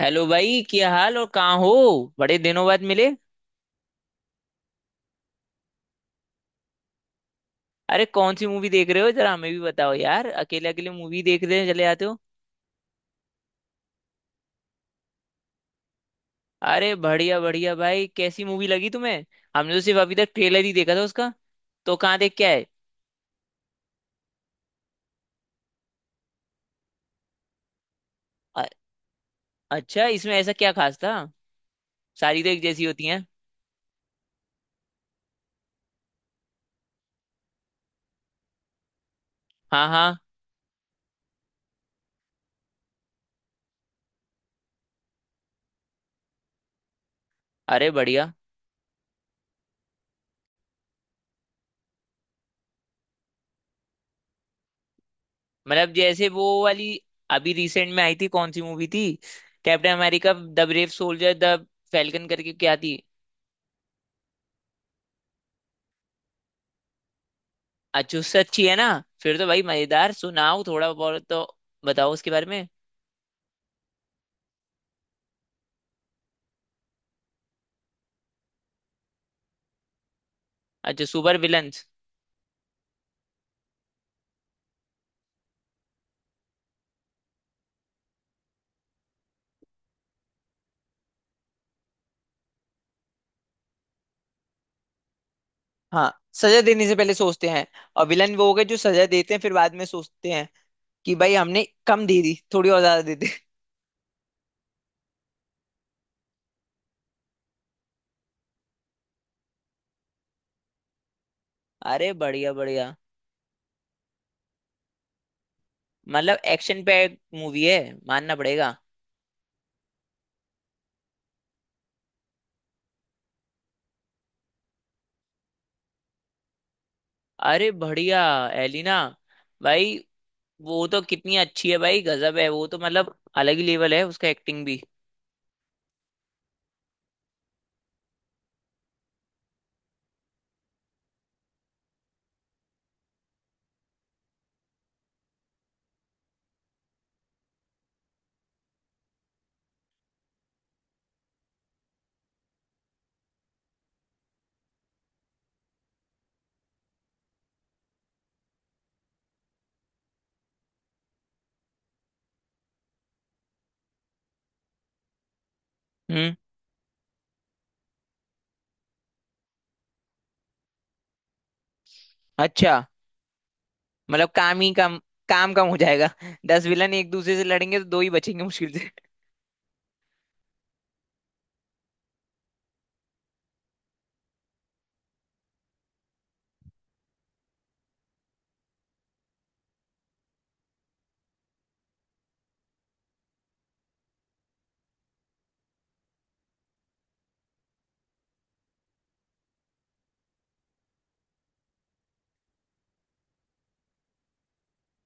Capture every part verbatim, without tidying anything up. Hello भाई, क्या हाल और कहाँ हो। बड़े दिनों बाद मिले। अरे कौन सी मूवी देख रहे हो, जरा हमें भी बताओ यार, अकेले अकेले मूवी देख रहे चले जाते हो। अरे बढ़िया बढ़िया भाई, कैसी मूवी लगी तुम्हें? हमने तो सिर्फ अभी तक ट्रेलर ही देखा था उसका। तो कहाँ देख के आए? अ- अच्छा, इसमें ऐसा क्या खास था? सारी तो एक जैसी होती हैं। हाँ हाँ। अरे बढ़िया। मतलब जैसे वो वाली अभी रिसेंट में आई थी, कौन सी मूवी थी, Captain America the brave soldier, the Falcon करके क्या थी? अच्छी, उससे अच्छी है ना? फिर तो भाई मजेदार, सुनाओ थोड़ा बहुत तो, बताओ उसके बारे में। अच्छा, सुपर विलन्स। हाँ, सजा देने से पहले सोचते हैं। और विलन वो हो गए जो सजा देते हैं फिर बाद में सोचते हैं कि भाई हमने कम दे दी थोड़ी और ज्यादा दे दी। अरे बढ़िया बढ़िया। मतलब एक्शन पैक मूवी है, मानना पड़ेगा। अरे बढ़िया। एलिना। भाई वो तो कितनी अच्छी है भाई, गजब है वो तो, मतलब अलग ही लेवल है उसका, एक्टिंग भी। हम्म। अच्छा। मतलब काम ही कम, काम कम हो जाएगा। दस विलन एक दूसरे से लड़ेंगे तो दो ही बचेंगे मुश्किल से।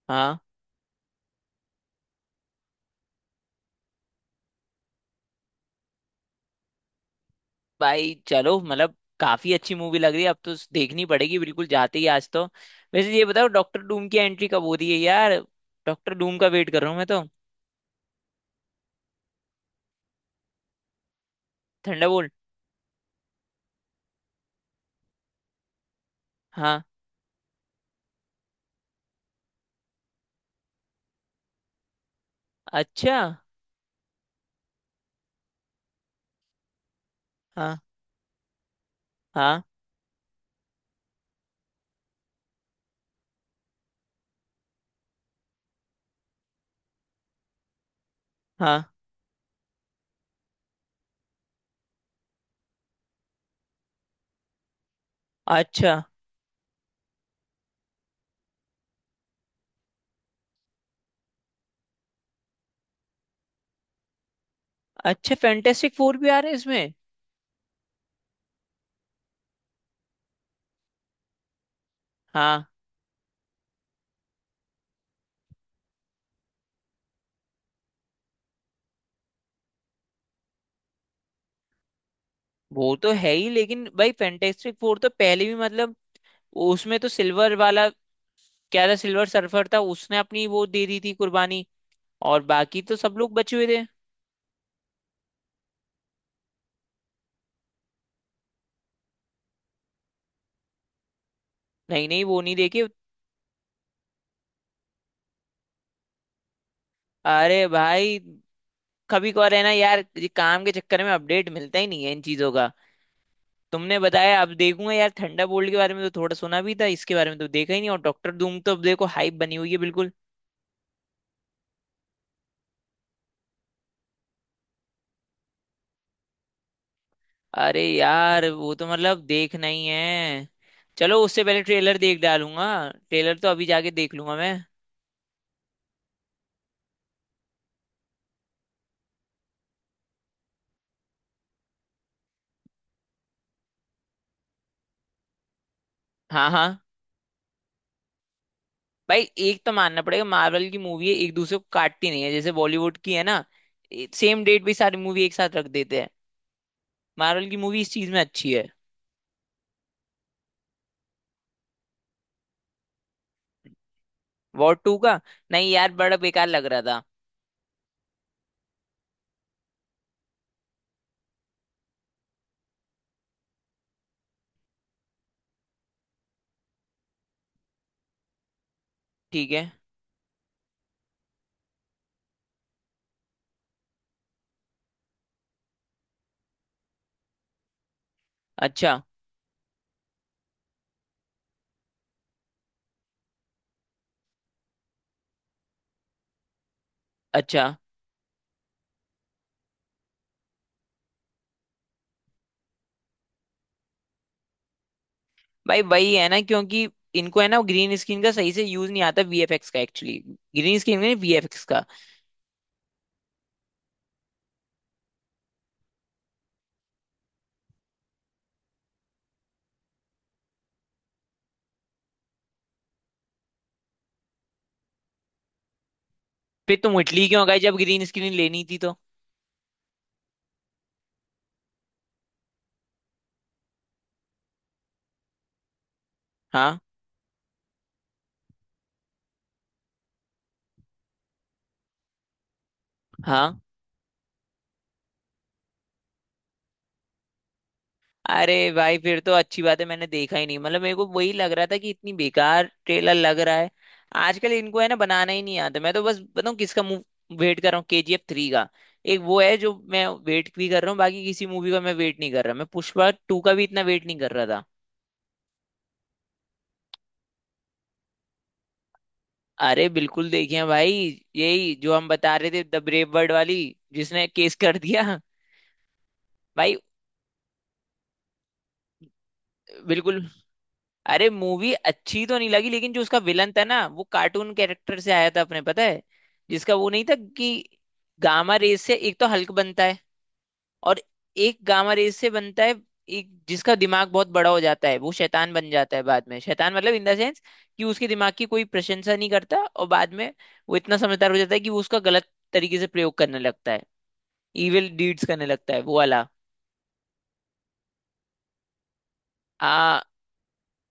हाँ भाई। चलो, मतलब काफी अच्छी मूवी लग रही है, अब तो देखनी पड़ेगी बिल्कुल, जाते ही आज तो। वैसे ये बताओ डॉक्टर डूम की एंट्री कब हो रही है यार? डॉक्टर डूम का वेट कर रहा हूँ मैं तो। थंडरबोल्ट। हाँ। अच्छा। हाँ हाँ हाँ। अच्छा अच्छा। फैंटेस्टिक फोर भी आ रहे हैं इसमें? हाँ। वो तो है ही, लेकिन भाई फैंटेस्टिक फोर तो पहले भी मतलब, उसमें तो सिल्वर वाला क्या था, सिल्वर सर्फर था, उसने अपनी वो दे दी थी कुर्बानी, और बाकी तो सब लोग बचे हुए थे। नहीं नहीं, वो नहीं देखे। अरे भाई। कभी कभार है ना यार, ये काम के चक्कर में अपडेट मिलता ही नहीं है इन चीजों का। तुमने बताया, अब देखूंगा यार। थंडरबोल्ट के बारे में तो थोड़ा सुना भी था, इसके बारे में तो देखा ही नहीं। और डॉक्टर धूम तो अब देखो हाइप बनी हुई है बिल्कुल। अरे यार वो तो मतलब देखना ही है। चलो उससे पहले ट्रेलर देख डालूंगा। ट्रेलर तो अभी जाके देख लूंगा मैं। हाँ हाँ। भाई एक तो मानना पड़ेगा, मार्वल की मूवी है, एक दूसरे को काटती नहीं है, जैसे बॉलीवुड की है ना, सेम डेट भी सारी मूवी एक साथ रख देते हैं। मार्वल की मूवी इस चीज में अच्छी है। वॉर टू का? नहीं यार, बड़ा बेकार लग रहा था। ठीक है। अच्छा। अच्छा। भाई वही है ना, क्योंकि इनको है ना ग्रीन स्क्रीन का सही से यूज नहीं आता, वी एफ एक्स का, एक्चुअली ग्रीन स्क्रीन नहीं वी एफ एक्स का। फिर तुम इटली क्यों गए जब ग्रीन स्क्रीन लेनी थी तो? हाँ हाँ। अरे भाई फिर तो अच्छी बात है, मैंने देखा ही नहीं, मतलब मेरे को वही लग रहा था कि इतनी बेकार ट्रेलर लग रहा है। आजकल इनको है ना बनाना ही नहीं आता। मैं तो बस बताऊँ किसका मुंह वेट कर रहा हूँ, के जी एफ थ्री का। एक वो है जो मैं वेट भी कर रहा हूँ, बाकी किसी मूवी का मैं वेट नहीं कर रहा। मैं पुष्पा टू का भी इतना वेट नहीं कर रहा था। अरे बिल्कुल देखिए हैं भाई, यही जो हम बता रहे थे द ब्रेव वर्ल्ड वाली, जिसने केस कर दिया। भाई बिल्कुल। अरे मूवी अच्छी तो नहीं लगी, लेकिन जो उसका विलन था ना वो कार्टून कैरेक्टर से आया था अपने, पता है, जिसका वो नहीं था कि गामा रेस से एक तो हल्क बनता है, और एक गामा रेस से बनता है, एक जिसका दिमाग बहुत बड़ा हो जाता है, वो शैतान बन जाता है बाद में, शैतान मतलब इन द सेंस कि उसके दिमाग की कोई प्रशंसा नहीं करता, और बाद में वो इतना समझदार हो जाता है कि वो उसका गलत तरीके से प्रयोग करने लगता है, इविल डीड्स करने लगता है वो वाला।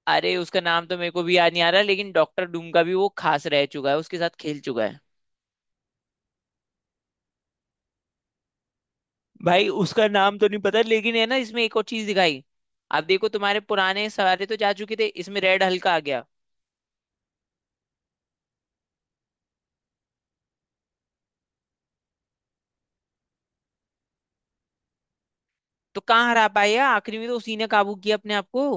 अरे उसका नाम तो मेरे को भी याद नहीं आ रहा, लेकिन डॉक्टर डूम का भी वो खास रह चुका है, उसके साथ खेल चुका है। भाई उसका नाम तो नहीं पता, लेकिन है ना इसमें एक और चीज दिखाई, आप देखो तुम्हारे पुराने सवारे तो जा चुके थे इसमें, रेड हल्का आ गया। तो कहाँ हरा पाए यार, आखिरी में तो उसी ने काबू किया अपने आप को।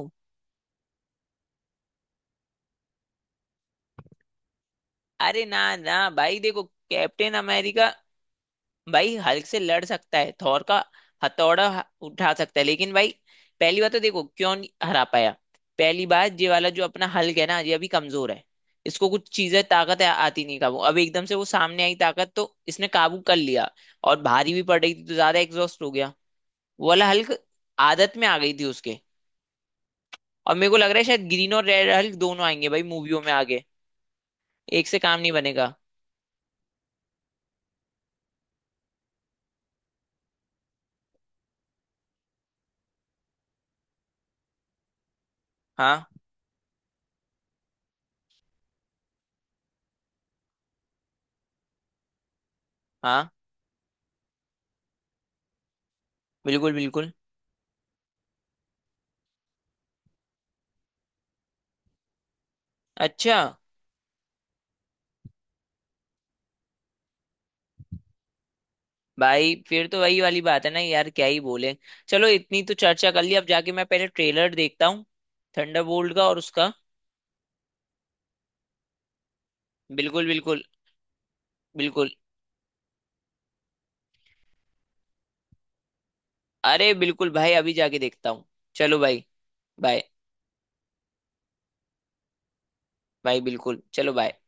अरे ना ना भाई देखो, कैप्टन अमेरिका भाई हल्क से लड़ सकता है, थॉर का हथौड़ा ह- उठा सकता है, लेकिन भाई पहली बात तो देखो क्यों नहीं हरा पाया। पहली बात, ये वाला जो अपना हल्क है ना ये अभी कमजोर है, इसको कुछ चीजें ताकत आ- आती नहीं काबू, अब एकदम से वो सामने आई ताकत तो इसने काबू कर लिया, और भारी भी पड़ रही थी तो ज्यादा एग्जॉस्ट हो गया वो वाला हल्क, आदत में आ गई थी उसके। और मेरे को लग रहा है शायद ग्रीन और रेड हल्क दोनों आएंगे भाई मूवियों में आगे, एक से काम नहीं बनेगा। हाँ हाँ। बिल्कुल बिल्कुल। अच्छा। भाई फिर तो वही वाली बात है ना यार, क्या ही बोले। चलो, इतनी तो चर्चा कर ली, अब जाके मैं पहले ट्रेलर देखता हूँ थंडरबोल्ट का और उसका। बिल्कुल बिल्कुल। बिल्कुल। अरे बिल्कुल भाई, अभी जाके देखता हूँ। चलो भाई। बाय। भाई बिल्कुल। चलो बाय।